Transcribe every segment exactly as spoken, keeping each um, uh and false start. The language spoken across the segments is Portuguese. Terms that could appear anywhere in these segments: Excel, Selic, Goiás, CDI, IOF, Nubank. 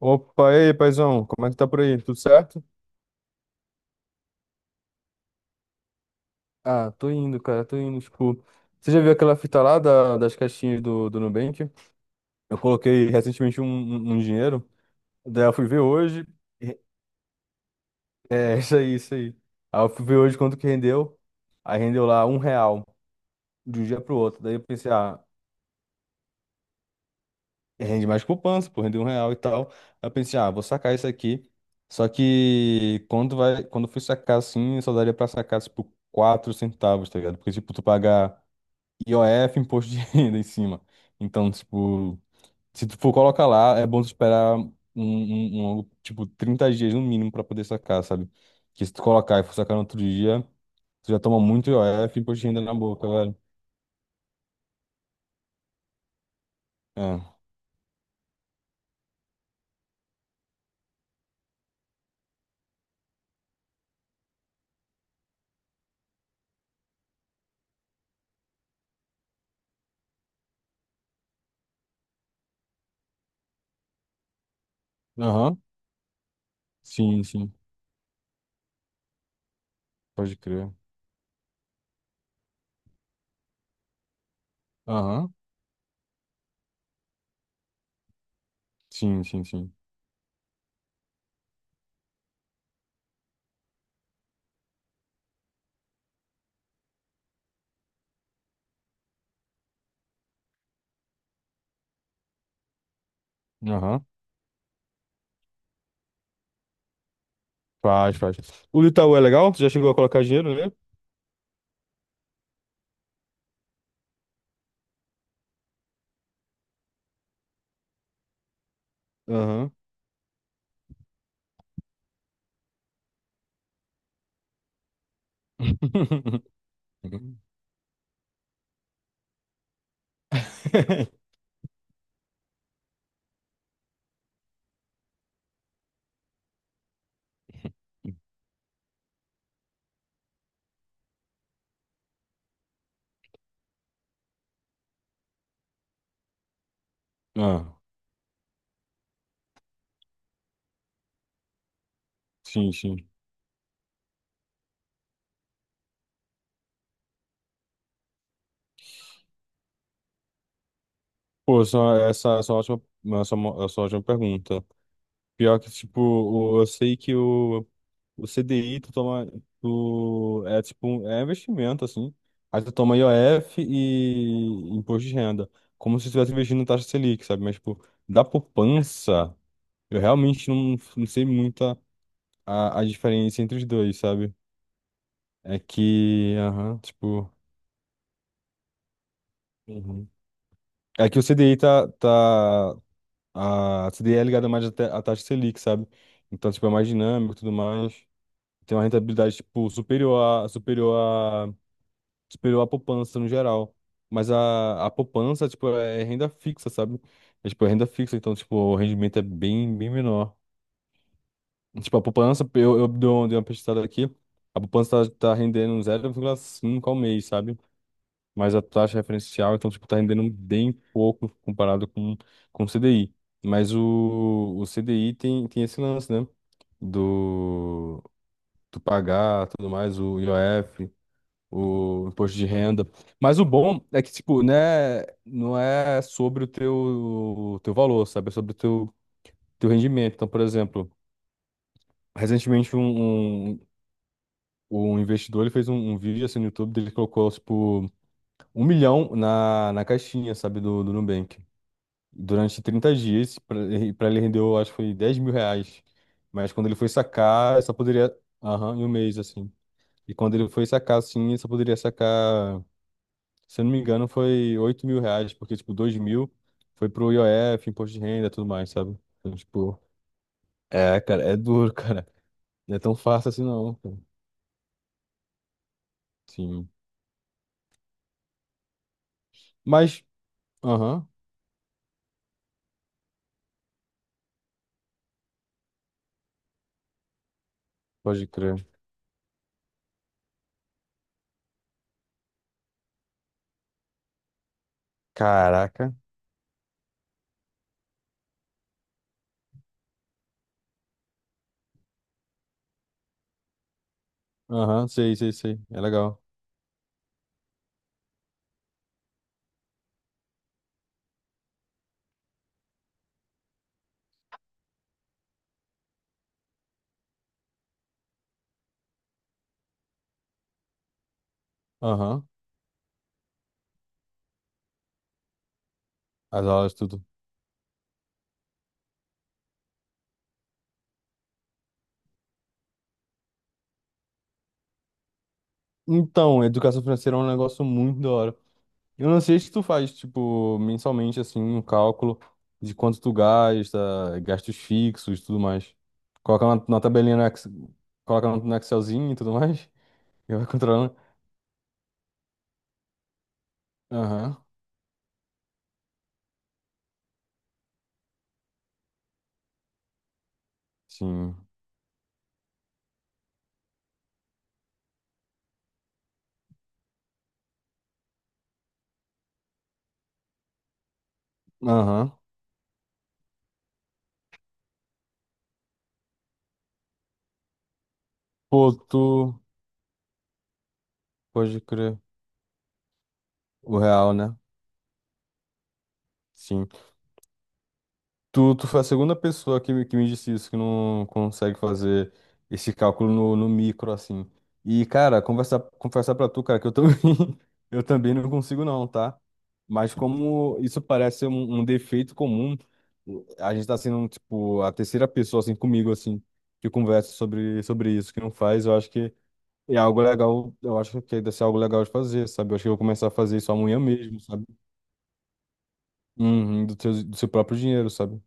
Opa, e aí, paizão, como é que tá por aí? Tudo certo? Ah, tô indo, cara, tô indo. Tipo, você já viu aquela fita lá da- das caixinhas do, do Nubank? Eu coloquei recentemente um, um- um dinheiro, daí eu fui ver hoje. e- É, isso aí, isso aí. Aí eu fui ver hoje quanto que rendeu. Aí rendeu lá um real, de um dia pro outro. Daí eu pensei, ah, rende mais poupança, pô, rendeu um real e tal. Aí eu pensei, ah, vou sacar isso aqui. Só que quando vai, quando eu fui sacar assim, só daria pra sacar, tipo, quatro centavos, tá ligado? Porque, tipo, tu pagar. I O F, imposto de renda em cima. Então, tipo, se tu for colocar lá, é bom tu esperar um, um, um longo, tipo, trinta dias no mínimo pra poder sacar, sabe? Que se tu colocar e for sacar no outro dia, tu já toma muito I O F, imposto de renda na boca, velho. É. Aham. Sim, sim. Pode crer. Aham. Sim, sim, sim. Aham. Faz, faz. O do Itaú é legal? Tu já chegou a colocar dinheiro, né? Aham. Ah, sim, sim. Pô, só, essa, essa é ótima, essa, é essa é ótima pergunta. Pior que, tipo, o- eu sei que o, o C CDI tu toma, tu, é tipo, um- é investimento, assim. Aí tu toma I O F e imposto de renda. Como se tu estivesse investindo em taxa Selic, sabe? Mas, tipo, da poupança, eu realmente não, não sei muito a, a a diferença entre os dois, sabe? É que, aham, tipo. Uhum. É que o C D I tá, tá. A C D I é ligada mais à ta- à taxa Selic, sabe? Então, tipo, é mais dinâmico e tudo mais. Tem uma rentabilidade, tipo, superior à, superior à, superior à poupança no geral. Mas a, a poupança, tipo, é renda fixa, sabe? É, tipo, é renda fixa, então, tipo, o rendimento é bem, bem menor. Tipo, a poupança, eu, eu dei uma dei uma pesquisada aqui, a poupança tá, tá rendendo zero vírgula cinco ao mês, sabe? Mas a taxa referencial, então, tipo, tá rendendo bem pouco comparado com, com o C D I. Mas o, o C D I tem, tem esse lance, né? Do, do pagar, tudo mais, o I O F, o imposto de renda. Mas o bom é que, tipo, né, não é sobre o teu, o teu valor, sabe? É sobre o teu, teu rendimento. Então, por exemplo, recentemente um, um, um investidor ele fez um, um vídeo assim no YouTube, dele colocou, tipo, um milhão na, na caixinha, sabe, do, do Nubank. Durante trinta dias, para ele rendeu, eu acho que foi dez mil reais. Mas quando ele foi sacar, só poderia. Aham, em um mês, assim. E quando ele foi sacar, assim, só poderia sacar, se eu não me engano, foi oito mil reais, porque, tipo, dois mil foi pro I O F, imposto de renda e tudo mais, sabe? Então, tipo, é, cara, é duro, cara. Não é tão fácil assim, não, cara. Sim. Mas, aham, pode crer. Caraca. Aham, sei, sei, sei. É legal. Aham, as aulas, tudo. Então, educação financeira é um negócio muito da hora. Eu não sei se tu faz, tipo, mensalmente, assim, um cálculo de quanto tu gasta, gastos fixos e tudo mais. Coloca na, na tabelinha no Excel, coloca no, no Excelzinho e tudo mais. E vai controlando. Aham, sim. Aham. Pô, tu. Pode crer. O real, né? Sim. Tu, tu foi a segunda pessoa que, me- que me disse isso, que não consegue fazer esse cálculo no, no micro, assim. E, cara, conversar, conversar pra tu, cara, que eu também, eu também não consigo não, tá? Mas como isso parece ser um, um defeito comum, a gente tá sendo, tipo, a terceira pessoa, assim, comigo, assim, que conversa sobre, sobre isso, que não faz, eu acho que é algo legal, eu acho que deve ser algo legal de fazer, sabe? Eu acho que eu vou começar a fazer isso amanhã mesmo, sabe? Uhum, do teu, do seu próprio dinheiro, sabe?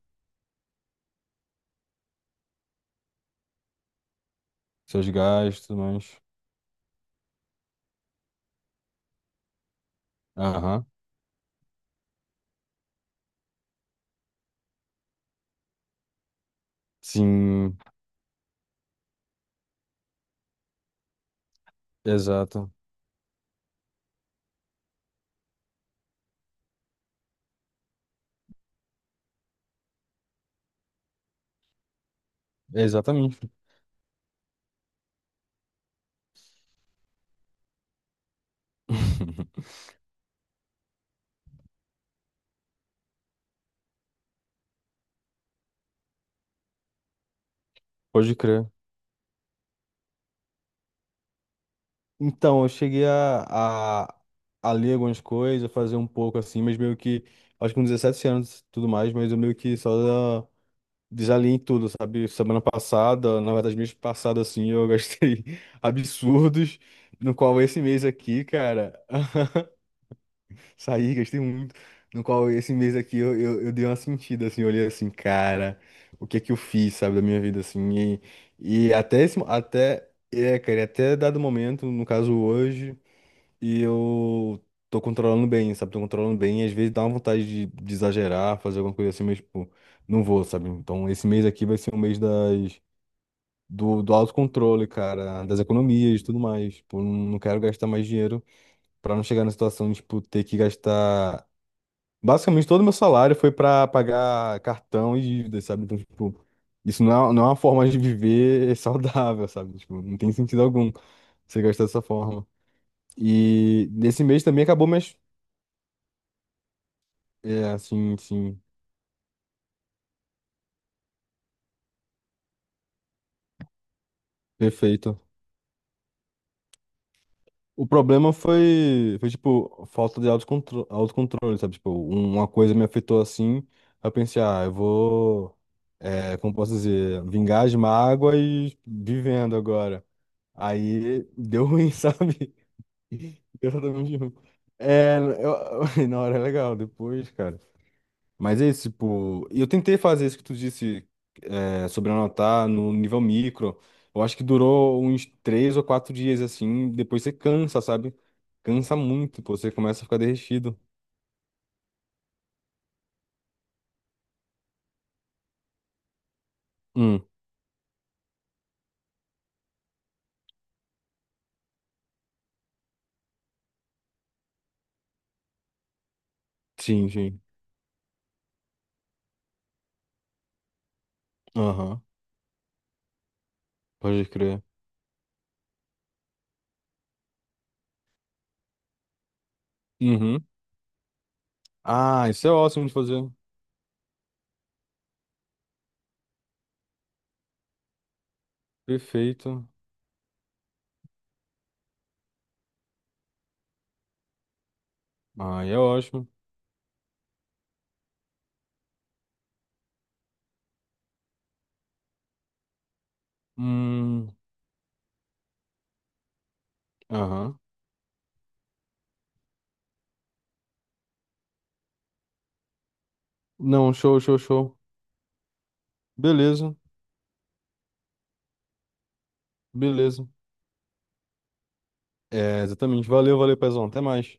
Seus gastos, e mais. Aham. Sim, exato. Exatamente. Pode crer. Então, eu cheguei a, a, a ler algumas coisas, fazer um pouco assim, mas meio que, acho que com dezessete anos e tudo mais, mas eu meio que só desalinhei tudo, sabe? Semana passada, na verdade, mês passado, assim, eu gastei absurdos, no qual esse mês aqui, cara. Saí, gastei muito. No qual esse mês aqui eu, eu, eu dei uma sentida, assim, eu olhei assim, cara, o que é que eu fiz, sabe, da minha vida, assim. E, e até esse, mo- até, é, cara, e até dado momento, no caso hoje, e eu tô controlando bem, sabe, tô controlando bem. E às vezes dá uma vontade de, de exagerar, fazer alguma coisa assim, mas, tipo, não vou, sabe. Então esse mês aqui vai ser um mês das, do, do autocontrole, cara, das economias e tudo mais. Tipo, não não quero gastar mais dinheiro. Pra não chegar na situação de, tipo, ter que gastar. Basicamente, todo o meu salário foi para pagar cartão e dívidas, sabe? Então, tipo, isso não é, não é uma forma de viver saudável, sabe? Tipo, não tem sentido algum você gastar dessa forma. E nesse mês também acabou minhas. É, assim, sim, perfeito. O problema foi, foi tipo, falta de autocontro- autocontrole, sabe? Tipo, um- uma coisa me afetou assim, eu pensei, ah, eu vou, é, como posso dizer, vingar as mágoas vivendo agora. Aí deu ruim, sabe? Exatamente. Junto. É, eu, na hora é legal, depois, cara. Mas é isso, tipo, eu tentei fazer isso que tu disse é, sobre anotar no nível micro. Eu acho que durou uns três ou quatro dias, assim, depois você cansa, sabe? Cansa muito, pô, você começa a ficar derretido. Hum, sim, sim. Aham, pode crer. Uhum. Ah, isso é ótimo de fazer. Perfeito. Ah, é ótimo. Hum, aham. Não, show, show, show. Beleza, beleza. É, exatamente. Valeu, valeu, Pezão. Até mais.